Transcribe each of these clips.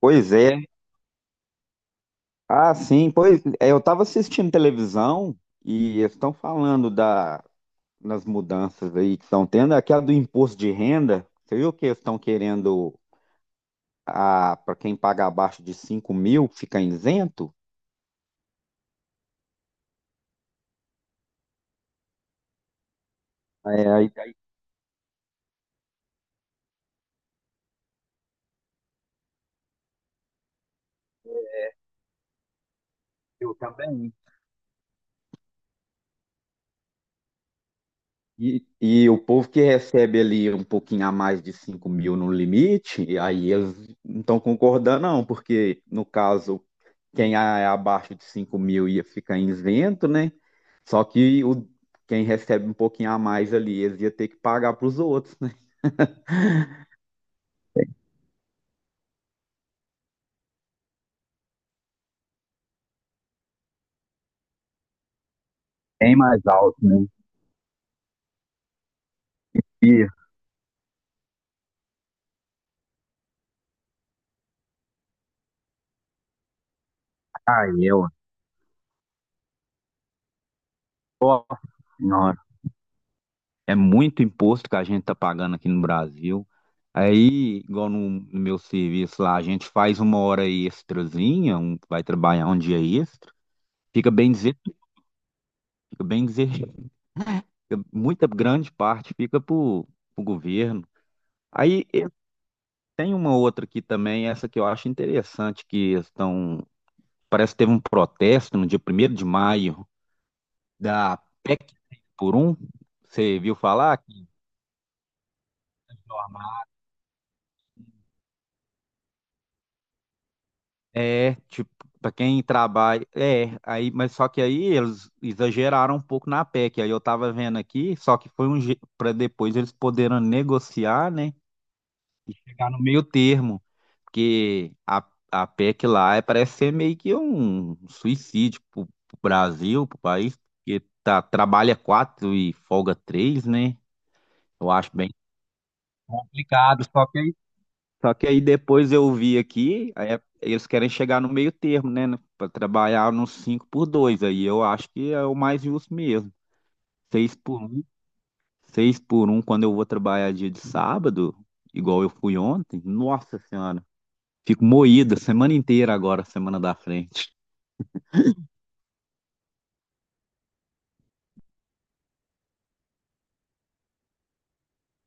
Pois é. Ah, sim, pois é, eu estava assistindo televisão e eles estão falando das mudanças aí que estão tendo, aquela do imposto de renda. Você viu que eles estão querendo a para quem paga abaixo de 5.000 fica isento? É, aí eu também. E o povo que recebe ali um pouquinho a mais de 5.000 no limite, aí eles não estão concordando, não, porque no caso, quem é abaixo de 5.000 ia ficar isento, né? Só que o, Quem recebe um pouquinho a mais ali, eles ia ter que pagar para os outros, né? Bem mais alto, né? E, ah, eu, Nossa senhora. É muito imposto que a gente tá pagando aqui no Brasil. Aí, igual no meu serviço lá, a gente faz uma hora extrazinha, vai trabalhar um dia extra. Fica bem dizer, fica bem dizer, fica- Muita grande parte fica para o governo. Aí tem uma outra aqui também, essa que eu acho interessante, que estão, parece que teve um protesto no dia 1º de maio da PEC por um. Você viu falar? É, tipo, para quem trabalha, é, aí, mas só que aí eles exageraram um pouco na PEC, aí eu tava vendo aqui, só que foi um para depois eles poderem negociar, né, e chegar no meio termo, porque a PEC lá parece ser meio que um suicídio pro Brasil, pro país, porque tá, trabalha 4 e folga 3, né, eu acho bem complicado, só que aí depois eu vi aqui, aí eles querem chegar no meio termo, né? Para trabalhar nos 5x2. Aí eu acho que é o mais justo mesmo. Seis por 1, 6 por um quando eu vou trabalhar dia de sábado, igual eu fui ontem. Nossa Senhora, fico moída semana inteira agora, semana da frente.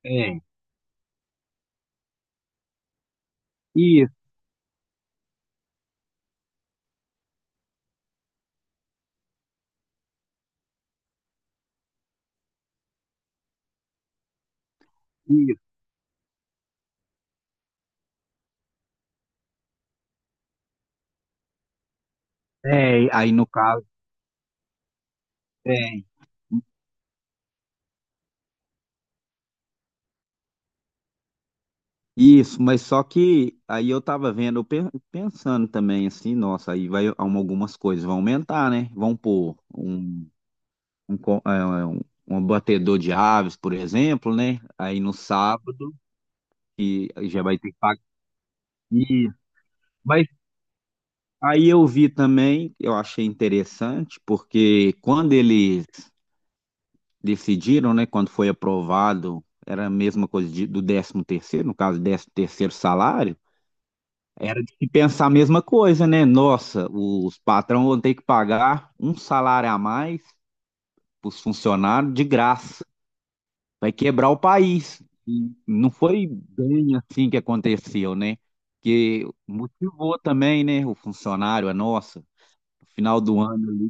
É, isso, isso. É, aí no caso, é. Isso, mas só que aí eu tava vendo, pensando também assim, nossa, aí vai algumas coisas vão aumentar, né? Vão pôr um, co- é, um, um batedor de aves, por exemplo, né? Aí no sábado, que já vai ter que pagar. E- Mas aí eu vi também, eu achei interessante, porque quando eles decidiram, né? Quando foi aprovado, era a mesma coisa do décimo terceiro, no caso, décimo terceiro salário. Era de se pensar a mesma coisa, né? Nossa, os patrão vão ter que pagar um salário a mais para os funcionários de graça. Vai quebrar o país. E não foi bem assim que aconteceu, né? Que motivou também, né? O funcionário, a nossa, no final do ano.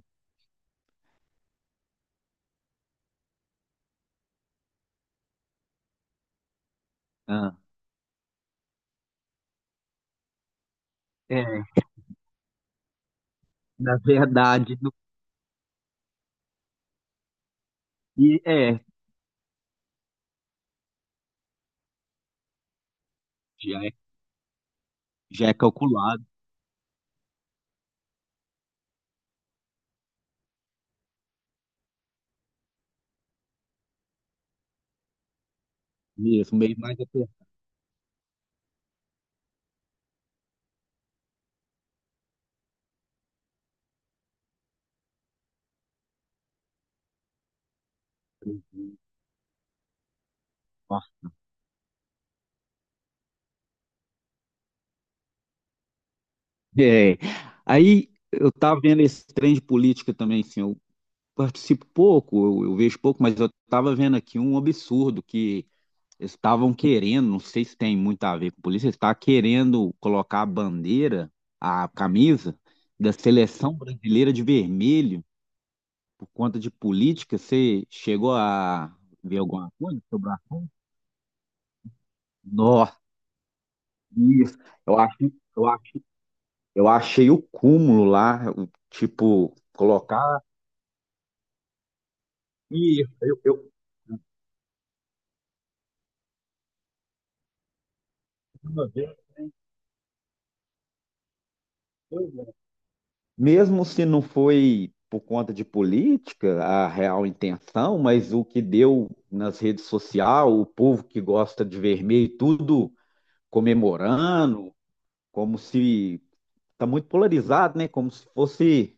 Ah, é, na verdade, no, e é, já é, já é calculado mesmo, meio mais apertado. É. Aí eu tava vendo esse trem de política também, assim, participo pouco, eu vejo pouco, mas eu estava vendo aqui um absurdo que eles estavam querendo, não sei se tem muito a ver com polícia, eles estavam querendo colocar a bandeira, a camisa da seleção brasileira de vermelho por conta de política. Você chegou a ver alguma coisa sobre a coisa? Nossa, isso. Eu acho, eu acho, eu achei o cúmulo lá, o tipo, colocar. Isso, uma vez. Mesmo se não foi por conta de política a real intenção, mas o que deu nas redes sociais, o povo que gosta de vermelho, tudo comemorando, como se está muito polarizado, né? Como se fosse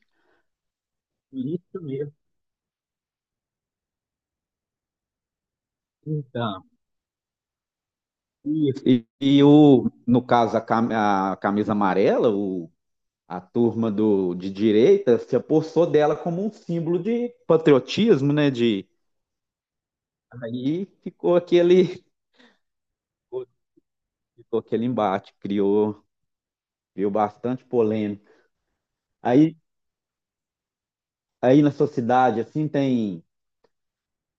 política mesmo. Então, isso. E no caso, a camisa amarela, a turma de direita se apossou dela como um símbolo de patriotismo, né? De, aí ficou aquele embate, criou bastante polêmica. Aí, aí, na sua cidade, assim, tem,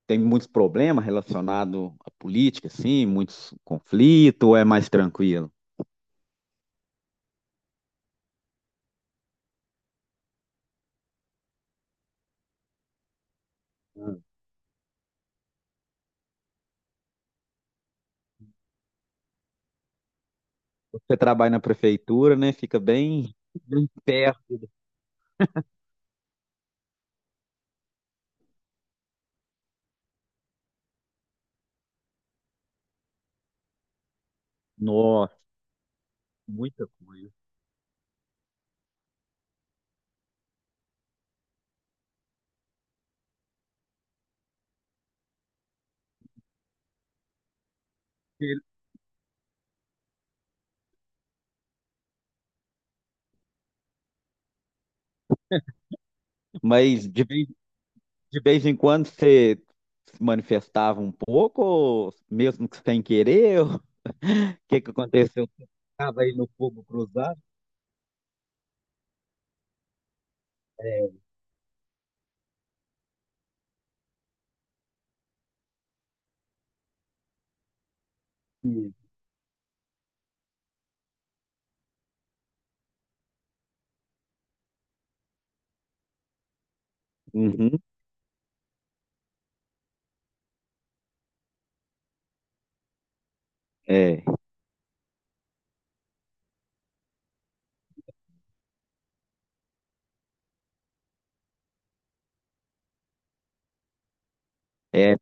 tem muitos problemas relacionados à política, assim, muitos conflitos, ou é mais tranquilo? Hum. Você trabalha na prefeitura, né? Fica bem, bem perto. Nossa, muita coisa. Mas de vez em quando você se manifestava um pouco, ou mesmo que sem querer, ou o que que aconteceu? Estava aí no fogo cruzado? Uhum, é. É,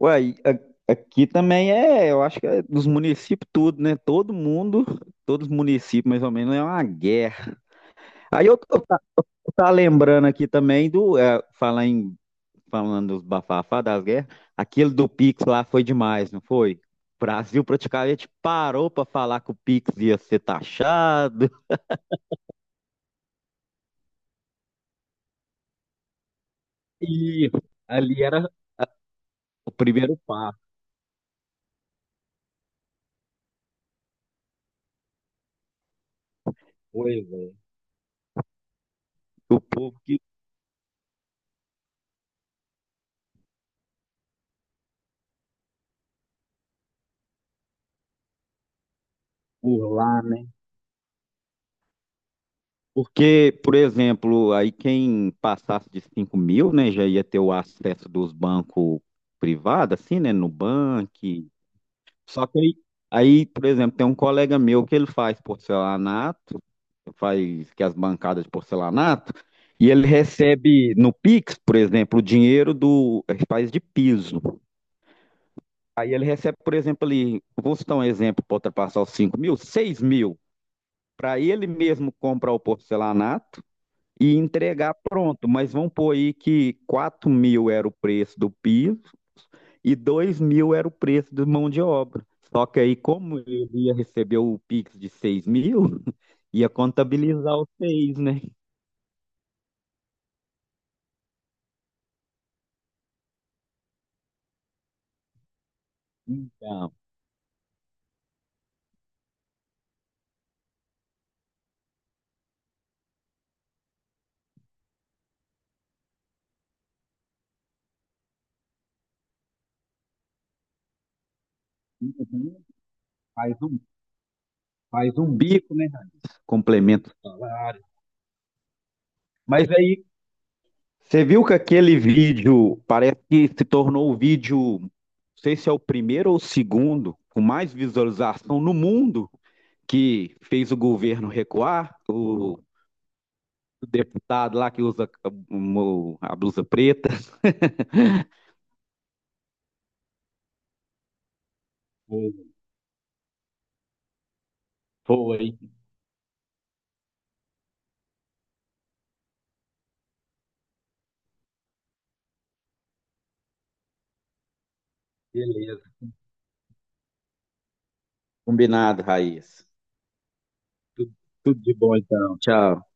uai, aqui também é, eu acho que é dos municípios tudo, né? Todo mundo, todos os municípios mais ou menos, é uma guerra. Aí eu tá lembrando aqui também do, é, falar em, falando dos bafafá das guerras, aquele do Pix lá foi demais, não foi? O Brasil praticamente parou para falar que o Pix ia ser taxado. E ali era o primeiro passo. Pois é. O povo que burlava. Porque, por exemplo, aí quem passasse de 5.000, né, já ia ter o acesso dos bancos privados, assim, né, no Nubank. Só que aí, por exemplo, tem um colega meu que ele faz porcelanato, faz que as bancadas de porcelanato, e ele recebe no Pix, por exemplo, o dinheiro do, ele faz de piso. Aí ele recebe, por exemplo, ali, vou citar um exemplo para ultrapassar os 5.000, 6.000. Para ele mesmo comprar o porcelanato, e entregar pronto, mas vamos pôr aí que 4.000 era o preço do piso e 2.000 era o preço de mão de obra. Só que aí, como ele ia receber o Pix de 6.000, ia contabilizar os 6, né? Então, faz um, faz um bico, né? Complemento o salário. Mas aí, você viu que aquele vídeo parece que se tornou o vídeo, não sei se é o primeiro ou o segundo, com mais visualização no mundo que fez o governo recuar, o deputado lá que usa blusa preta. Foi, beleza. Combinado, Raíssa. Tudo, tudo de bom, então. Tchau.